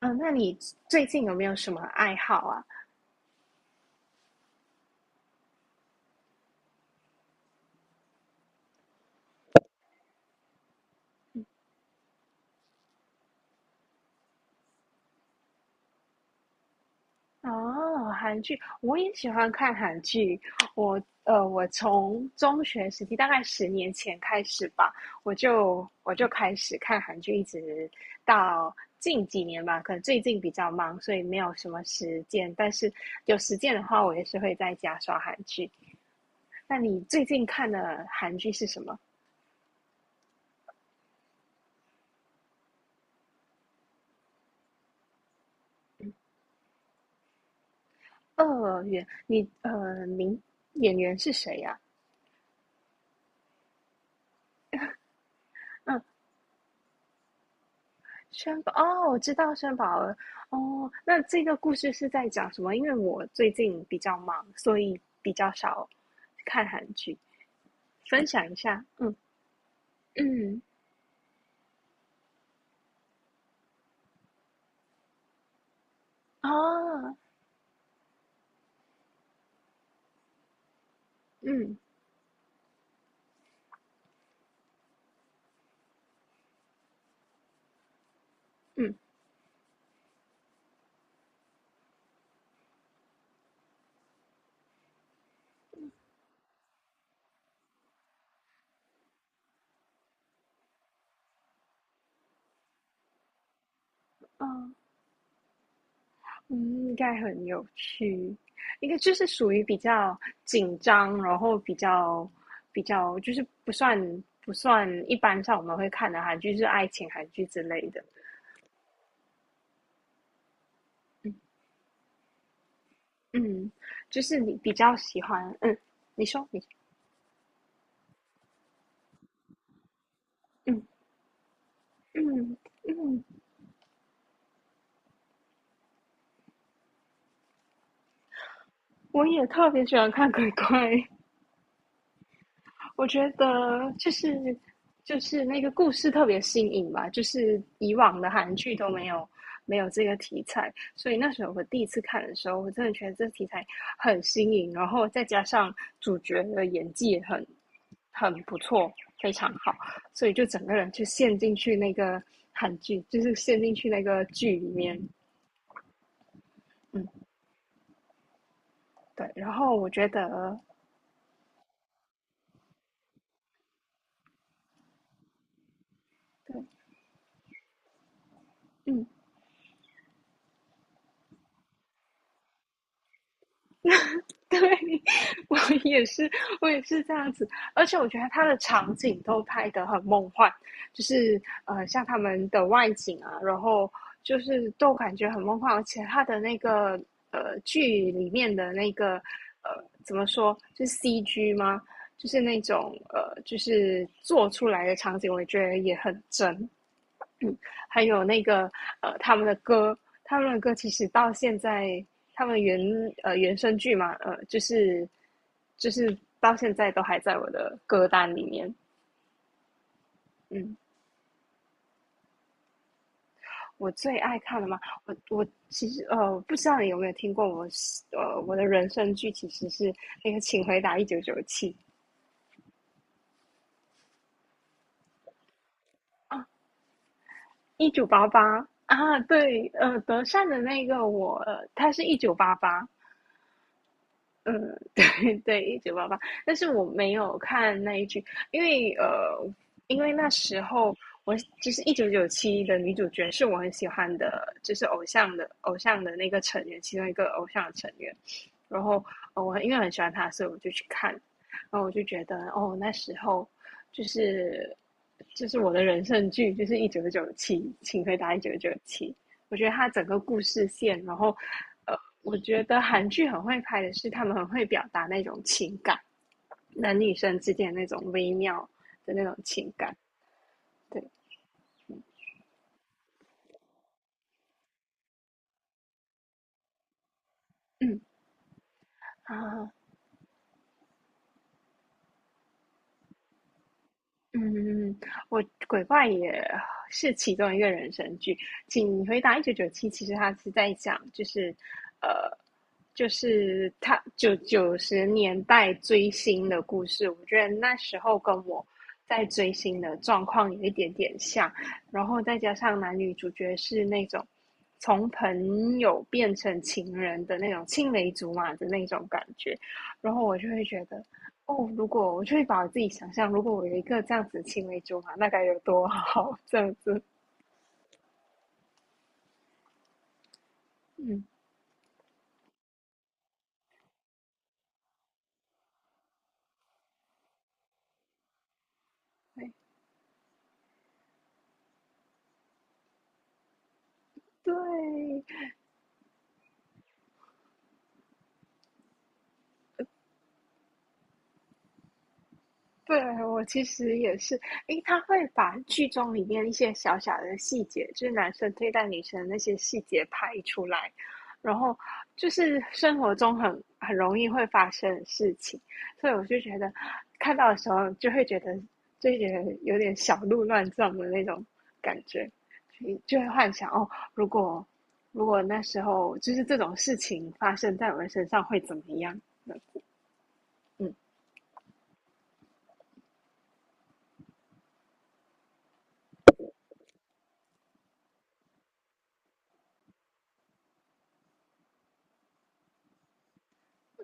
嗯，那你最近有没有什么爱好啊？哦，韩剧，我也喜欢看韩剧。我从中学时期，大概10年前开始吧，我就开始看韩剧，一直到近几年吧。可能最近比较忙，所以没有什么时间。但是有时间的话，我也是会在家刷韩剧。那你最近看的韩剧是什么？二元，名演员是谁呀？嗯。轩宝哦，我知道轩宝了。哦，那这个故事是在讲什么？因为我最近比较忙，所以比较少看韩剧。分享一下。嗯嗯啊，嗯嗯啊，嗯，应该很有趣。应该就是属于比较紧张，然后比较就是不算一般上我们会看的韩剧，就是爱情韩剧之类的。嗯嗯，就是你比较喜欢，嗯，你说你，嗯。嗯，我也特别喜欢看鬼鬼，我觉得就是那个故事特别新颖吧，就是以往的韩剧都没有这个题材，所以那时候我第一次看的时候，我真的觉得这题材很新颖，然后再加上主角的演技也很不错，非常好，所以就整个人就陷进去那个韩剧，就是陷进去那个剧里面。嗯，对，然后我觉得，对，嗯。对，我也是，我也是这样子。而且我觉得它的场景都拍得很梦幻，像他们的外景啊，然后就是都感觉很梦幻。而且它的那个剧里面的那个怎么说，就是 CG 吗？就是就是做出来的场景，我也觉得也很真。还有那个他们的歌，他们的歌其实到现在，他们原呃原声剧嘛，就是到现在都还在我的歌单里面。嗯，我最爱看的嘛，我其实不知道你有没有听过我的人生剧其实是那个《请回答一九九七》。一九八八啊，对，德善的那个我，他是一九八八，嗯，对对，《一九八八，但是我没有看那一句。因为呃，因为那时候我就是《一九九七的女主角是我很喜欢的，就是偶像的那个成员，其中一个偶像的成员。然后，我因为很喜欢他，所以我就去看，然后我就觉得哦，那时候就是就是我的人生剧，就是《一九九七，请回答一九九七》。我觉得它整个故事线，然后呃，我觉得韩剧很会拍的是，他们很会表达那种情感，男女生之间那种微妙的那种情感。对，嗯，啊，嗯，嗯嗯嗯，我鬼怪也是其中一个人生剧。请回答一九九七，其实他是在讲，就是，呃，就是他九九十年代追星的故事。我觉得那时候跟我在追星的状况有一点点像，然后再加上男女主角是那种从朋友变成情人的那种青梅竹马的那种感觉，然后我就会觉得哦，我就会把我自己想象，如果我有一个这样子的青梅竹马，那该有多好，这样子。嗯，对，对对，我其实也是。诶，他会把剧中里面一些小小的细节，就是男生对待女生的那些细节拍出来，然后就是生活中很容易会发生的事情，所以我就觉得看到的时候就会觉得有点小鹿乱撞的那种感觉，所以就会幻想哦，如果那时候就是这种事情发生在我的身上会怎么样呢？嗯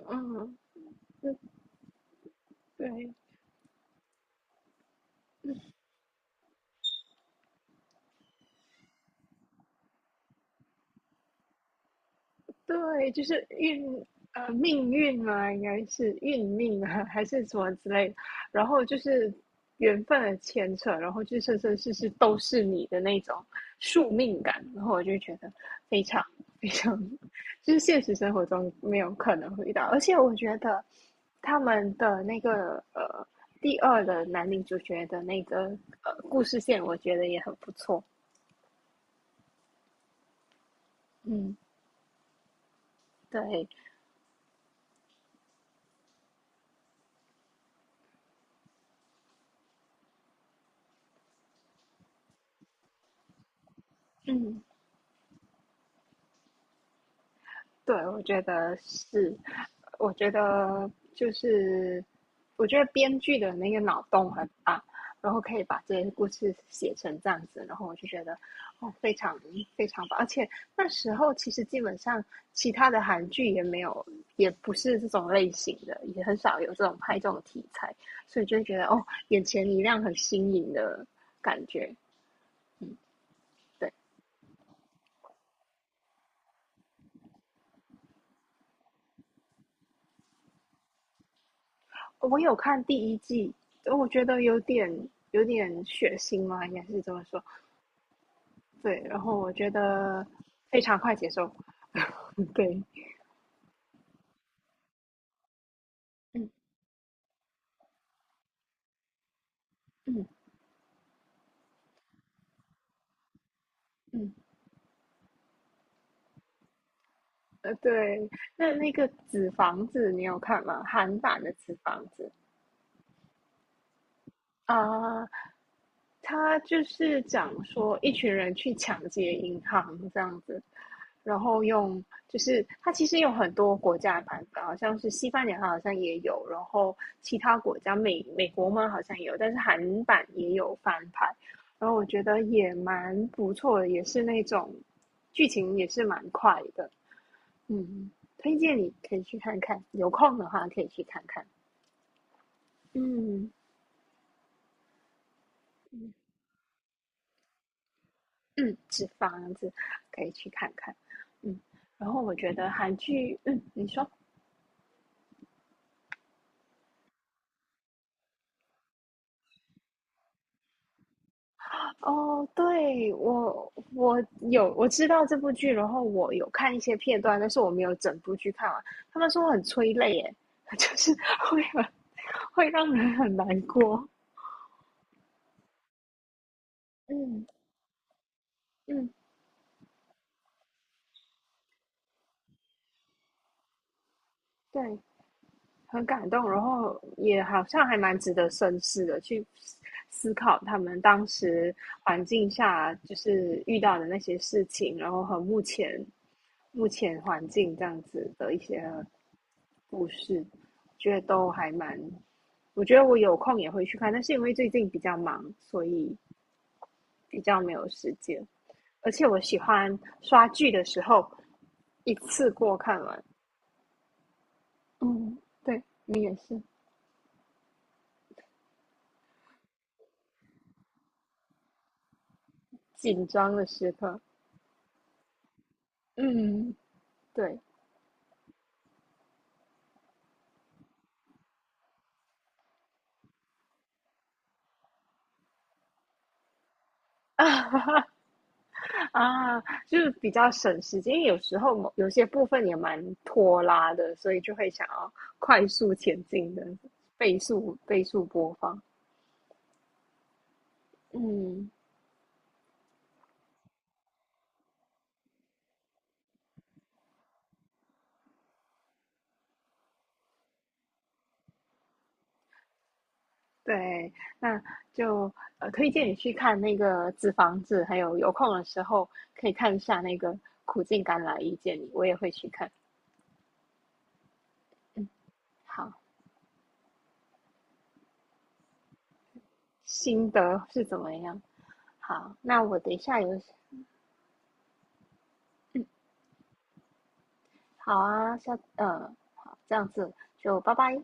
嗯嗯，对。对，就是命运嘛，应该是运命啊，还是什么之类的。然后就是缘分的牵扯，然后就是生生世世都是你的那种宿命感。然后我就觉得非常非常，就是现实生活中没有可能会遇到。而且我觉得他们的那个第二的男女主角的那个故事线，我觉得也很不错。嗯，对，嗯。对，我觉得是，我觉得就是，我觉得编剧的那个脑洞很大，然后可以把这些故事写成这样子，然后我就觉得哦，非常非常棒。而且那时候其实基本上其他的韩剧也没有，也不是这种类型的，也很少有这种拍这种题材，所以就会觉得哦，眼前一亮，很新颖的感觉。对。我有看第一季，我觉得有点血腥嘛，应该是这么说。对，然后我觉得非常快接受。对，嗯嗯嗯，对。那那个《纸房子》你有看吗？韩版的《纸房子》啊，他就是讲说一群人去抢劫银行这样子，然后，就是它其实有很多国家的版本，好像是西班牙好像也有，然后其他国家美国嘛好像也有，但是韩版也有翻拍，然后我觉得也蛮不错的，也是那种剧情也是蛮快的。嗯，推荐你可以去看看，有空的话可以去看看，嗯。嗯，纸房子可以去看看，嗯，然后我觉得韩剧，嗯，你说，哦，对，我有我知道这部剧，然后我有看一些片段，但是我没有整部剧看完。他们说很催泪，耶，就是会很会让人很难过。嗯嗯，对，很感动，然后也好像还蛮值得深思的，去思考他们当时环境下就是遇到的那些事情，然后和目前环境这样子的一些故事，觉得都还蛮。我觉得我有空也会去看，但是因为最近比较忙，所以比较没有时间。而且我喜欢刷剧的时候一次过看完。嗯，对你也是紧张的时刻。嗯，对。啊，就是比较省时间，因为有时候有些部分也蛮拖拉的，所以就会想要快速前进的，倍速播放。嗯，对，那就推荐你去看那个《纸房子》，还有有空的时候可以看一下那个《苦尽甘来遇见你》，我也会去看。嗯，好，心得是怎么样？好，那我等一下有好啊，下，好，这样子就拜拜。